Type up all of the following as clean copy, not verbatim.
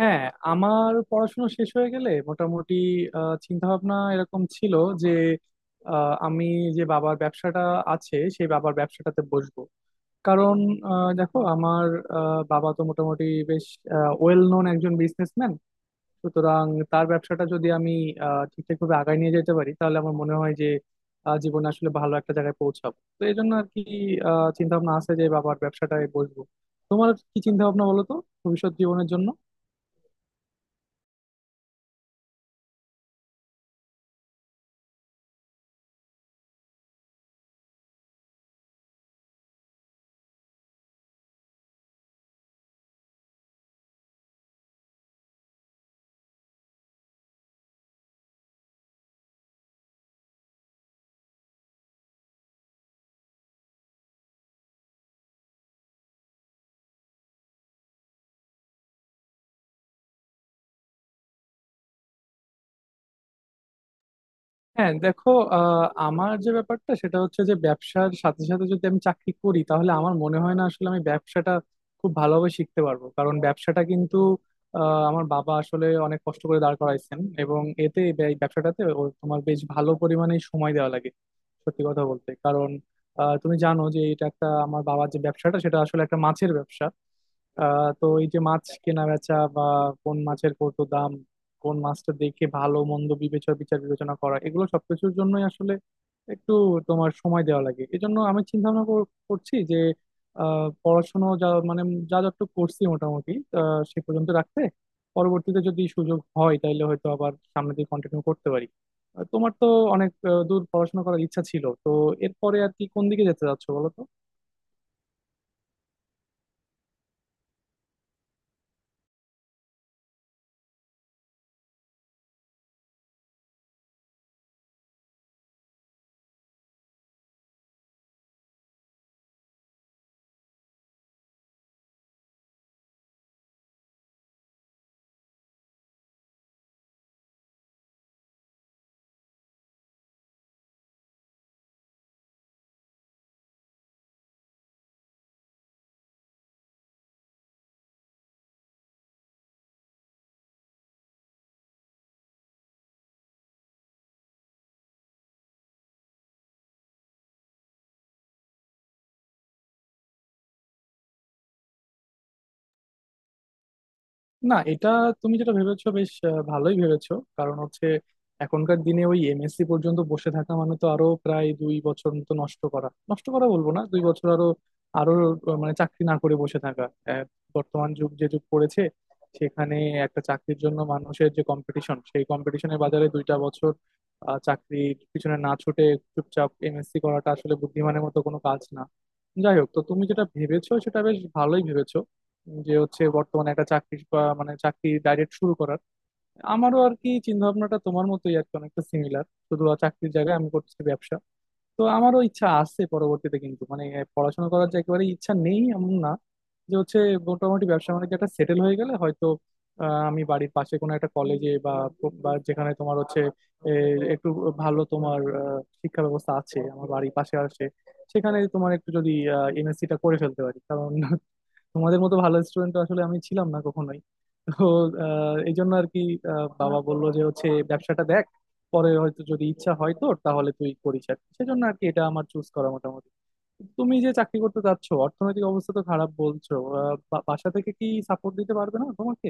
হ্যাঁ, আমার পড়াশোনা শেষ হয়ে গেলে মোটামুটি চিন্তা ভাবনা এরকম ছিল যে আমি যে বাবার ব্যবসাটা আছে সেই বাবার ব্যবসাটাতে বসবো। কারণ দেখো আমার বাবা তো মোটামুটি বেশ ওয়েল নোন একজন বিজনেসম্যান। সুতরাং তার ব্যবসাটা যদি আমি ঠিকঠাকভাবে আগায় নিয়ে যেতে পারি তাহলে আমার মনে হয় যে জীবনে আসলে ভালো একটা জায়গায় পৌঁছাবো, তো এই জন্য আর কি চিন্তা ভাবনা আছে যে বাবার ব্যবসাটায় বসবো। তোমার কি চিন্তা ভাবনা বলো তো, ভবিষ্যৎ জীবনের জন্য? হ্যাঁ দেখো, আমার যে ব্যাপারটা সেটা হচ্ছে যে ব্যবসার সাথে সাথে যদি আমি চাকরি করি তাহলে আমার মনে হয় না আসলে আমি ব্যবসাটা খুব ভালোভাবে শিখতে পারবো। কারণ ব্যবসাটা কিন্তু আহ, আমার বাবা আসলে অনেক কষ্ট করে দাঁড় করাইছেন, এবং এতে ব্যবসাটাতে ও তোমার বেশ ভালো পরিমাণে সময় দেওয়া লাগে। সত্যি কথা বলতে কারণ তুমি জানো যে এটা একটা আমার বাবার যে ব্যবসাটা সেটা আসলে একটা মাছের ব্যবসা। তো এই যে মাছ কেনা বেচা বা কোন মাছের কত দাম, কোন মাছটা দেখে ভালো মন্দ বিবেচনা বিচার বিবেচনা করা, এগুলো সবকিছুর জন্যই আসলে একটু তোমার সময় দেওয়া লাগে। এজন্য আমি চিন্তা ভাবনা করছি যে পড়াশোনা যা মানে যা যতটুকু করছি মোটামুটি সে পর্যন্ত রাখতে, পরবর্তীতে যদি সুযোগ হয় তাহলে হয়তো আবার সামনে দিয়ে কন্টিনিউ করতে পারি। তোমার তো অনেক দূর পড়াশোনা করার ইচ্ছা ছিল তো, এরপরে আর কি কোন দিকে যেতে চাচ্ছো বলো তো? না, এটা তুমি যেটা ভেবেছো বেশ ভালোই ভেবেছো। কারণ হচ্ছে এখনকার দিনে ওই এমএসসি পর্যন্ত বসে থাকা মানে তো আরো প্রায় দুই বছর মতো নষ্ট করা, নষ্ট করা বলবো না, দুই বছর আরো আরো মানে চাকরি না করে বসে থাকা। আহ, বর্তমান যুগ যে যুগ পড়েছে সেখানে একটা চাকরির জন্য মানুষের যে কম্পিটিশন, সেই কম্পিটিশনের বাজারে দুইটা বছর চাকরির পিছনে না ছুটে চুপচাপ এমএসসি করাটা আসলে বুদ্ধিমানের মতো কোনো কাজ না। যাই হোক, তো তুমি যেটা ভেবেছো সেটা বেশ ভালোই ভেবেছো, যে হচ্ছে বর্তমানে একটা চাকরি বা মানে চাকরি ডাইরেক্ট শুরু করার। আমারও আর কি চিন্তা ভাবনাটা তোমার মতোই আর কি অনেকটা সিমিলার, শুধু আর চাকরির জায়গায় আমি করছি ব্যবসা। তো আমারও ইচ্ছা আছে পরবর্তীতে, কিন্তু মানে পড়াশোনা করার যে একেবারে ইচ্ছা নেই এমন না। যে হচ্ছে মোটামুটি ব্যবসা বাণিজ্য একটা সেটেল হয়ে গেলে হয়তো আমি বাড়ির পাশে কোনো একটা কলেজে বা বা যেখানে তোমার হচ্ছে এ, একটু ভালো তোমার শিক্ষা ব্যবস্থা আছে আমার বাড়ির পাশে আছে, সেখানে তোমার একটু যদি এমএসসি টা করে ফেলতে পারি। কারণ তোমাদের মতো ভালো স্টুডেন্ট আসলে আমি ছিলাম না কখনোই। তো এই জন্য আর কি বাবা বললো যে হচ্ছে ব্যবসাটা দেখ, পরে হয়তো যদি ইচ্ছা হয় তোর তাহলে তুই করিস আর কি। সেজন্য আর কি এটা আমার চুজ করা মোটামুটি। তুমি যে চাকরি করতে চাচ্ছ, অর্থনৈতিক অবস্থা তো খারাপ বলছো, বাসা থেকে কি সাপোর্ট দিতে পারবে না তোমাকে?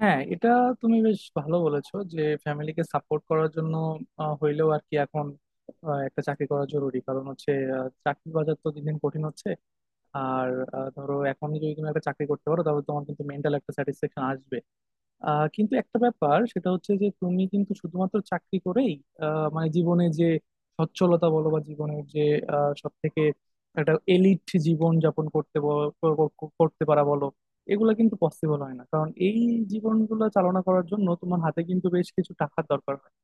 হ্যাঁ, এটা তুমি বেশ ভালো বলেছো যে ফ্যামিলিকে সাপোর্ট করার জন্য হইলেও আর কি এখন একটা চাকরি করা জরুরি। কারণ হচ্ছে চাকরির বাজার তো দিন দিন কঠিন হচ্ছে। আর ধরো এখনই যদি তুমি একটা চাকরি করতে পারো তাহলে তোমার কিন্তু মেন্টাল একটা স্যাটিসফ্যাকশন আসবে। কিন্তু একটা ব্যাপার সেটা হচ্ছে যে তুমি কিন্তু শুধুমাত্র চাকরি করেই মানে জীবনে যে সচ্ছলতা বলো বা জীবনের যে সব থেকে একটা এলিট জীবন যাপন করতে করতে পারা বলো, এগুলা কিন্তু পসিবল হয় না। কারণ এই জীবনগুলো চালনা করার জন্য তোমার হাতে কিন্তু বেশ কিছু টাকার দরকার হয়।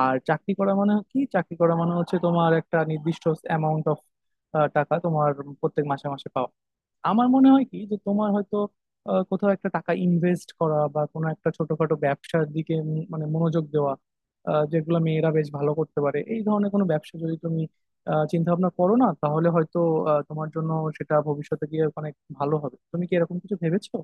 আর চাকরি করা মানে কি? চাকরি করা মানে হচ্ছে তোমার একটা নির্দিষ্ট অ্যামাউন্ট অফ টাকা তোমার প্রত্যেক মাসে মাসে পাওয়া। আমার মনে হয় কি যে তোমার হয়তো কোথাও একটা টাকা ইনভেস্ট করা বা কোনো একটা ছোটখাটো ব্যবসার দিকে মানে মনোযোগ দেওয়া, যেগুলো মেয়েরা বেশ ভালো করতে পারে এই ধরনের কোনো ব্যবসা যদি তুমি চিন্তা ভাবনা করো না তাহলে হয়তো তোমার জন্য সেটা ভবিষ্যতে গিয়ে অনেক ভালো হবে। তুমি কি এরকম কিছু ভেবেছো?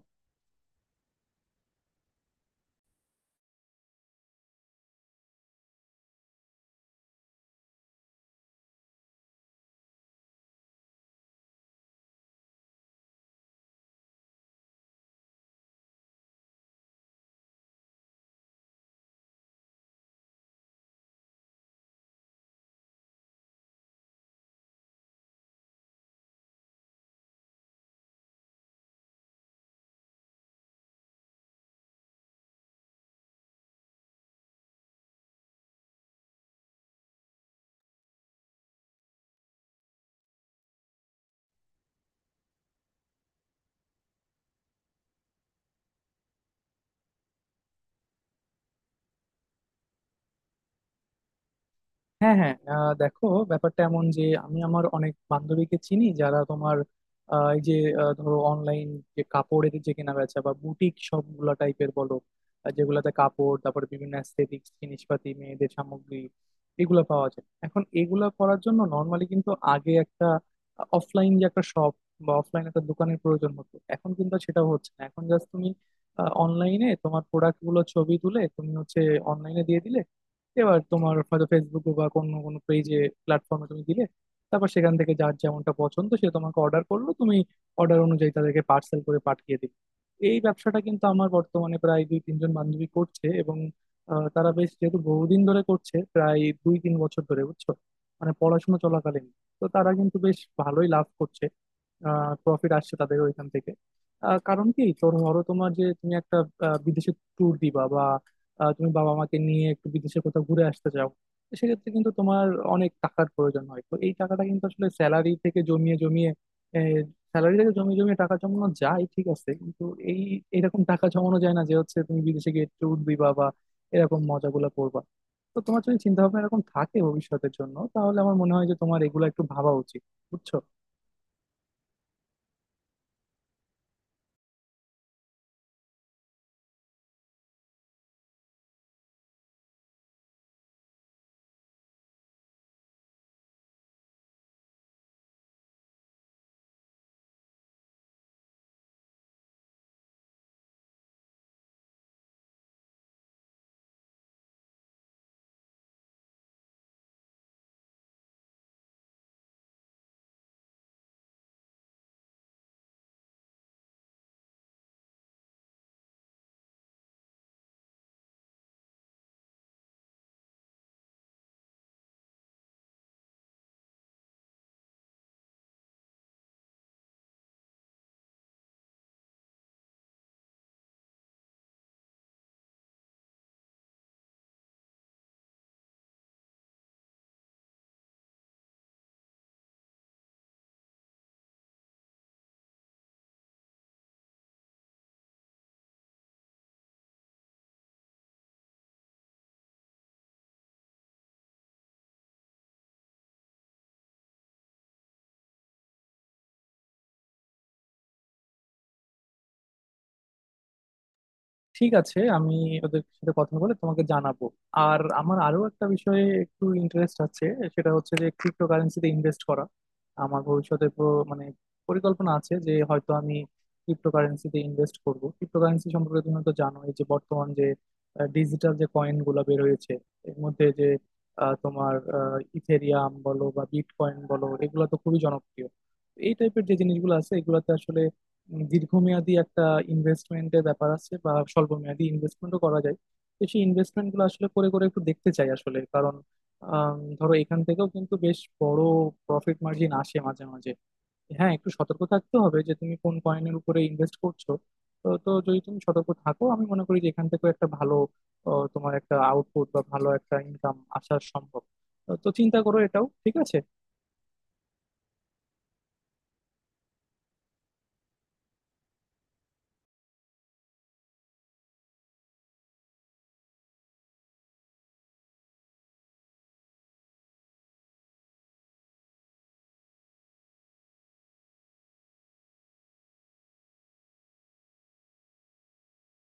হ্যাঁ হ্যাঁ, দেখো ব্যাপারটা এমন যে আমি আমার অনেক বান্ধবীকে চিনি যারা তোমার এই যে ধরো অনলাইন যে কাপড়ের যে কেনা বেচা বা বুটিক সবগুলা টাইপের বলো, যেগুলাতে কাপড় তারপর বিভিন্ন অ্যাস্থেটিক্স জিনিসপাতি মেয়েদের সামগ্রী এগুলো পাওয়া যায়। এখন এগুলা করার জন্য নর্মালি কিন্তু আগে একটা অফলাইন যে একটা শপ বা অফলাইন একটা দোকানের প্রয়োজন হতো, এখন কিন্তু সেটাও হচ্ছে না। এখন জাস্ট তুমি অনলাইনে তোমার প্রোডাক্ট গুলো ছবি তুলে তুমি হচ্ছে অনলাইনে দিয়ে দিলে, এবার তোমার হয়তো ফেসবুকে বা কোনো কোনো পেজে প্ল্যাটফর্মে তুমি দিলে, তারপর সেখান থেকে যার যেমনটা পছন্দ সে তোমাকে অর্ডার করলো, তুমি অর্ডার অনুযায়ী তাদেরকে পার্সেল করে পাঠিয়ে দিলে। এই ব্যবসাটা কিন্তু আমার বর্তমানে প্রায় দুই তিনজন বান্ধবী করছে, এবং তারা বেশ যেহেতু বহুদিন ধরে করছে প্রায় দুই তিন বছর ধরে, বুঝছো, মানে পড়াশোনা চলাকালীন। তো তারা কিন্তু বেশ ভালোই লাভ করছে, প্রফিট আসছে তাদের ওইখান থেকে। কারণ কি তো ধরো তোমার যে তুমি একটা বিদেশে ট্যুর দিবা বা তুমি বাবা মাকে নিয়ে একটু বিদেশে কোথাও ঘুরে আসতে চাও, তো সেক্ষেত্রে কিন্তু তোমার অনেক টাকার প্রয়োজন হয়। তো এই টাকাটা কিন্তু আসলে স্যালারি থেকে জমিয়ে জমিয়ে টাকা জমানো যায় ঠিক আছে, কিন্তু এই এরকম টাকা জমানো যায় না যে হচ্ছে তুমি বিদেশে গিয়ে ট্যুর দিবা বা এরকম মজাগুলো করবা। তো তোমার যদি চিন্তা ভাবনা এরকম থাকে ভবিষ্যতের জন্য তাহলে আমার মনে হয় যে তোমার এগুলো একটু ভাবা উচিত, বুঝছো? ঠিক আছে, আমি ওদের সাথে কথা বলে তোমাকে জানাবো। আর আমার আরো একটা বিষয়ে একটু ইন্টারেস্ট আছে, সেটা হচ্ছে যে ক্রিপ্টো কারেন্সিতে ইনভেস্ট করা। আমার ভবিষ্যতে মানে পরিকল্পনা আছে যে হয়তো আমি ক্রিপ্টো কারেন্সিতে ইনভেস্ট করব। ক্রিপ্টো কারেন্সি সম্পর্কে তুমি তো জানো, এই যে বর্তমান যে ডিজিটাল যে কয়েন গুলা বের হয়েছে, এর মধ্যে যে তোমার ইথেরিয়াম বলো বা বিটকয়েন বলো এগুলো তো খুবই জনপ্রিয়। এই টাইপের যে জিনিসগুলো আছে এগুলাতে আসলে দীর্ঘমেয়াদী একটা ইনভেস্টমেন্টের ব্যাপার আছে বা স্বল্প মেয়াদী ইনভেস্টমেন্টও করা যায়। তো সেই ইনভেস্টমেন্ট গুলো আসলে করে করে একটু দেখতে চাই আসলে, কারণ ধরো এখান থেকেও কিন্তু বেশ বড় প্রফিট মার্জিন আসে মাঝে মাঝে। হ্যাঁ, একটু সতর্ক থাকতে হবে যে তুমি কোন কয়েনের উপরে ইনভেস্ট করছো। তো তো যদি তুমি সতর্ক থাকো আমি মনে করি যে এখান থেকেও একটা ভালো তোমার একটা আউটপুট বা ভালো একটা ইনকাম আসা সম্ভব। তো তো চিন্তা করো, এটাও ঠিক আছে।